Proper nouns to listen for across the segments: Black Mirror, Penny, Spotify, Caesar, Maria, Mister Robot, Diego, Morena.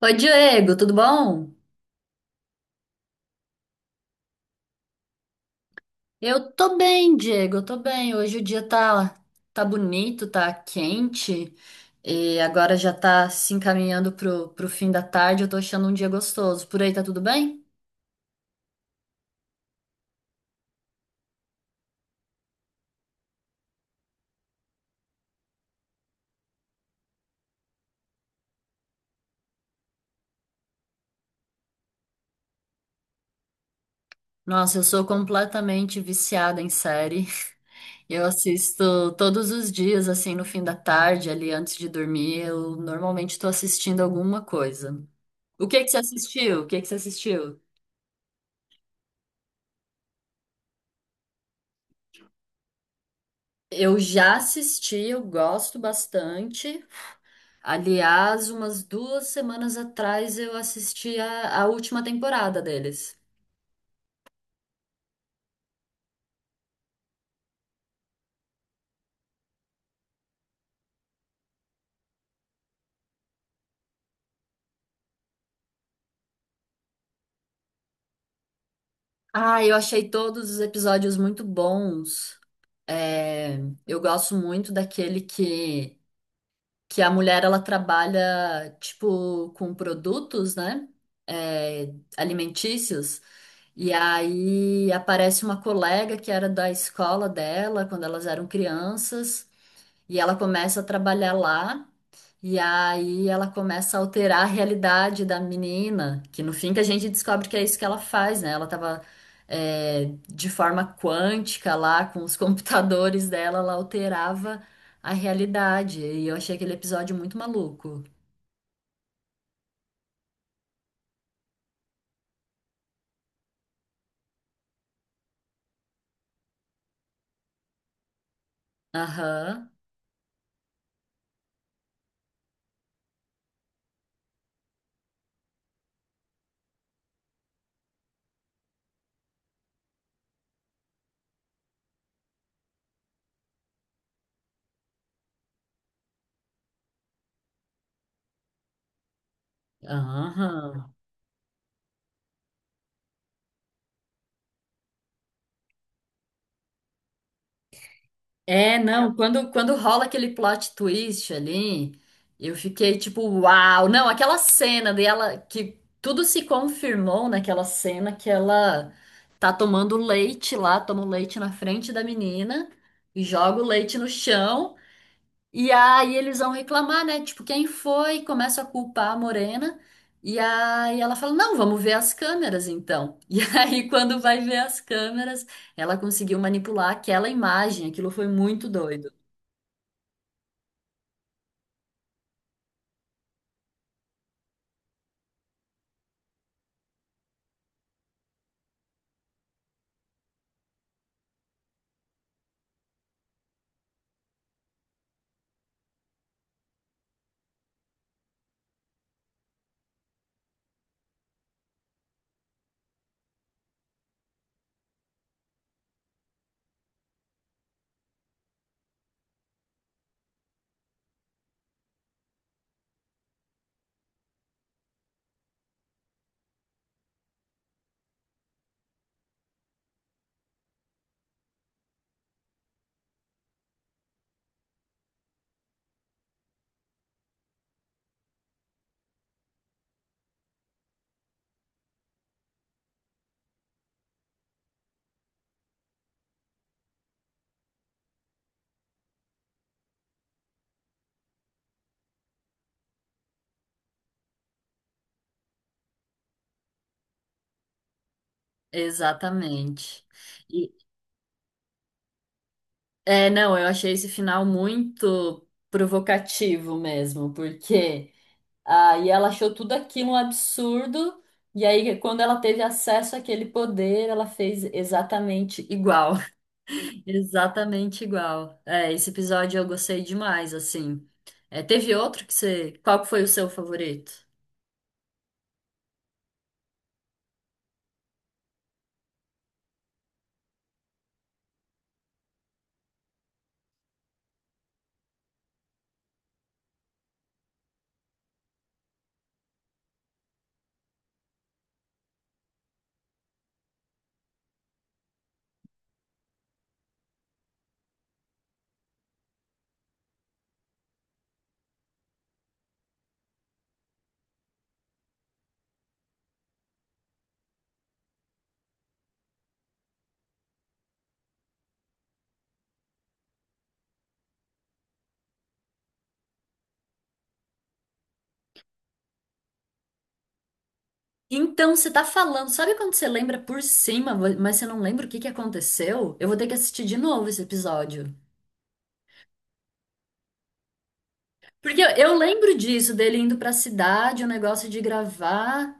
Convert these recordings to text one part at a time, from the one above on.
Oi, Diego, tudo bom? Eu tô bem, Diego, eu tô bem. Hoje o dia tá bonito, tá quente, e agora já tá se encaminhando pro fim da tarde. Eu tô achando um dia gostoso. Por aí tá tudo bem? Nossa, eu sou completamente viciada em série. Eu assisto todos os dias, assim, no fim da tarde, ali antes de dormir. Eu normalmente tô assistindo alguma coisa. O que que você assistiu? O que que você assistiu? Eu já assisti, eu gosto bastante. Aliás, umas duas semanas atrás eu assisti a última temporada deles. Ah, eu achei todos os episódios muito bons. É, eu gosto muito daquele que a mulher ela trabalha tipo com produtos, né? É, alimentícios. E aí aparece uma colega que era da escola dela quando elas eram crianças e ela começa a trabalhar lá. E aí ela começa a alterar a realidade da menina, que no fim que a gente descobre que é isso que ela faz, né? Ela tava de forma quântica lá, com os computadores dela, ela alterava a realidade. E eu achei aquele episódio muito maluco. Aham, aham. É, não, quando rola aquele plot twist ali, eu fiquei tipo, uau! Não, aquela cena dela, que tudo se confirmou naquela cena que ela tá tomando leite lá, toma o leite na frente da menina e joga o leite no chão. E aí eles vão reclamar, né? Tipo, quem foi? Começa a culpar a Morena. E aí ela fala: Não, vamos ver as câmeras então. E aí, quando vai ver as câmeras, ela conseguiu manipular aquela imagem. Aquilo foi muito doido. Exatamente. E, é, não, eu achei esse final muito provocativo mesmo, porque aí ela achou tudo aquilo um absurdo. E aí, quando ela teve acesso àquele poder, ela fez exatamente igual. Exatamente igual. É, esse episódio eu gostei demais, assim. É, teve outro que você. Qual que foi o seu favorito? Então, você tá falando, sabe quando você lembra por cima, mas você não lembra o que que aconteceu? Eu vou ter que assistir de novo esse episódio. Porque eu lembro disso, dele indo pra cidade, o negócio de gravar,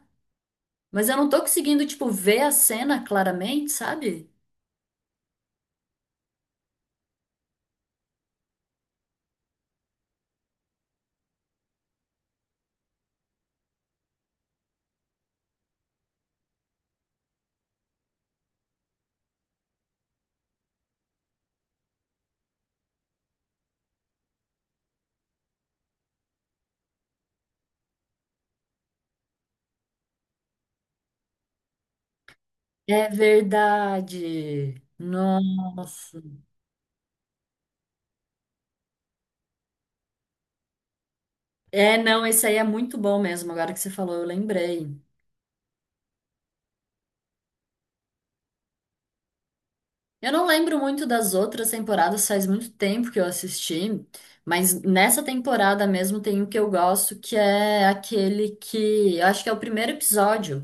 mas eu não tô conseguindo, tipo, ver a cena claramente, sabe? É verdade. Nossa. É, não, esse aí é muito bom mesmo, agora que você falou, eu lembrei. Eu não lembro muito das outras temporadas, faz muito tempo que eu assisti, mas nessa temporada mesmo tem um que eu gosto, que é aquele que, eu acho que é o primeiro episódio,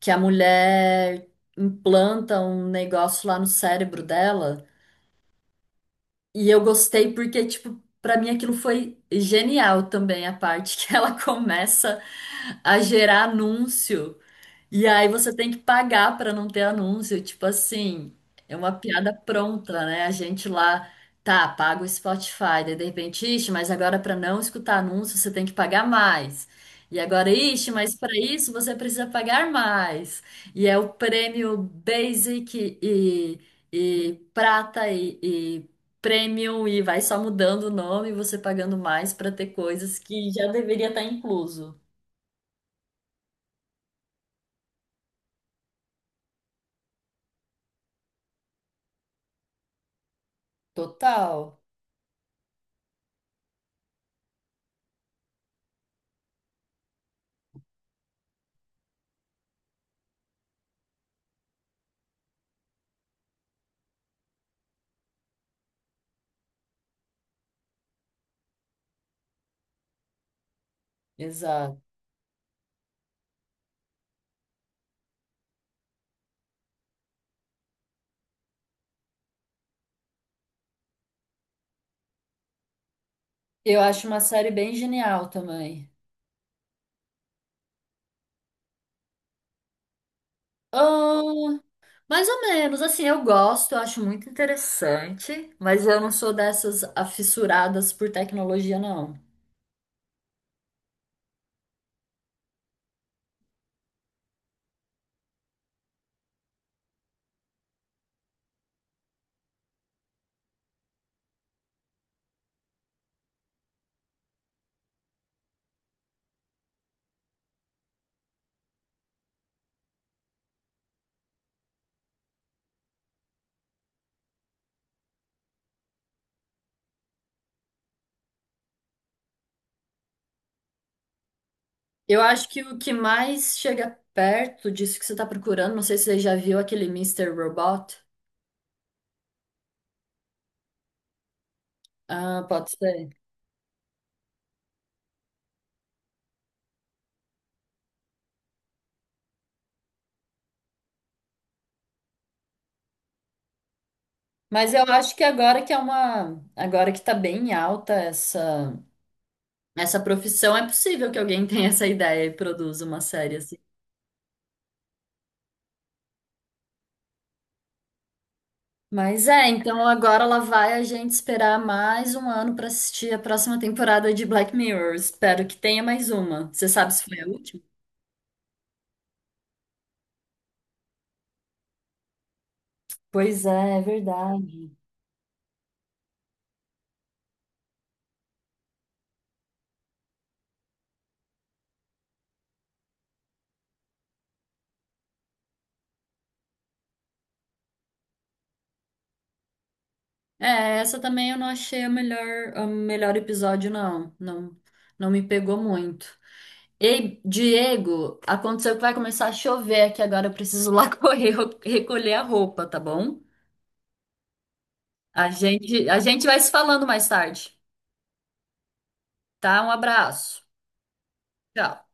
que a mulher implanta um negócio lá no cérebro dela, e eu gostei porque, tipo, pra mim aquilo foi genial também, a parte que ela começa a gerar anúncio. E aí você tem que pagar para não ter anúncio, tipo assim, é uma piada pronta, né? A gente lá, tá, paga o Spotify, daí de repente, ixi, mas agora para não escutar anúncio você tem que pagar mais. E agora, ixi, mas para isso você precisa pagar mais. E é o prêmio e e Premium e vai só mudando o nome, e você pagando mais para ter coisas que já deveria estar incluso. Total, exato. Eu acho uma série bem genial também. Oh, mais ou menos, assim, eu gosto, eu acho muito interessante, mas eu não sou dessas afissuradas por tecnologia, não. Eu acho que o que mais chega perto disso que você está procurando, não sei se você já viu aquele Mister Robot. Ah, pode ser. Mas eu acho que agora que é agora que tá bem alta essa profissão, é possível que alguém tenha essa ideia e produza uma série assim. Mas é, então agora lá vai a gente esperar mais 1 ano pra assistir a próxima temporada de Black Mirror. Espero que tenha mais uma. Você sabe se foi a última? Pois é, é verdade. É, essa também eu não achei o melhor episódio, não. Não, não me pegou muito. Ei, Diego, aconteceu que vai começar a chover aqui agora. Eu preciso lá correr recolher a roupa, tá bom? A gente vai se falando mais tarde, tá? Um abraço. Tchau.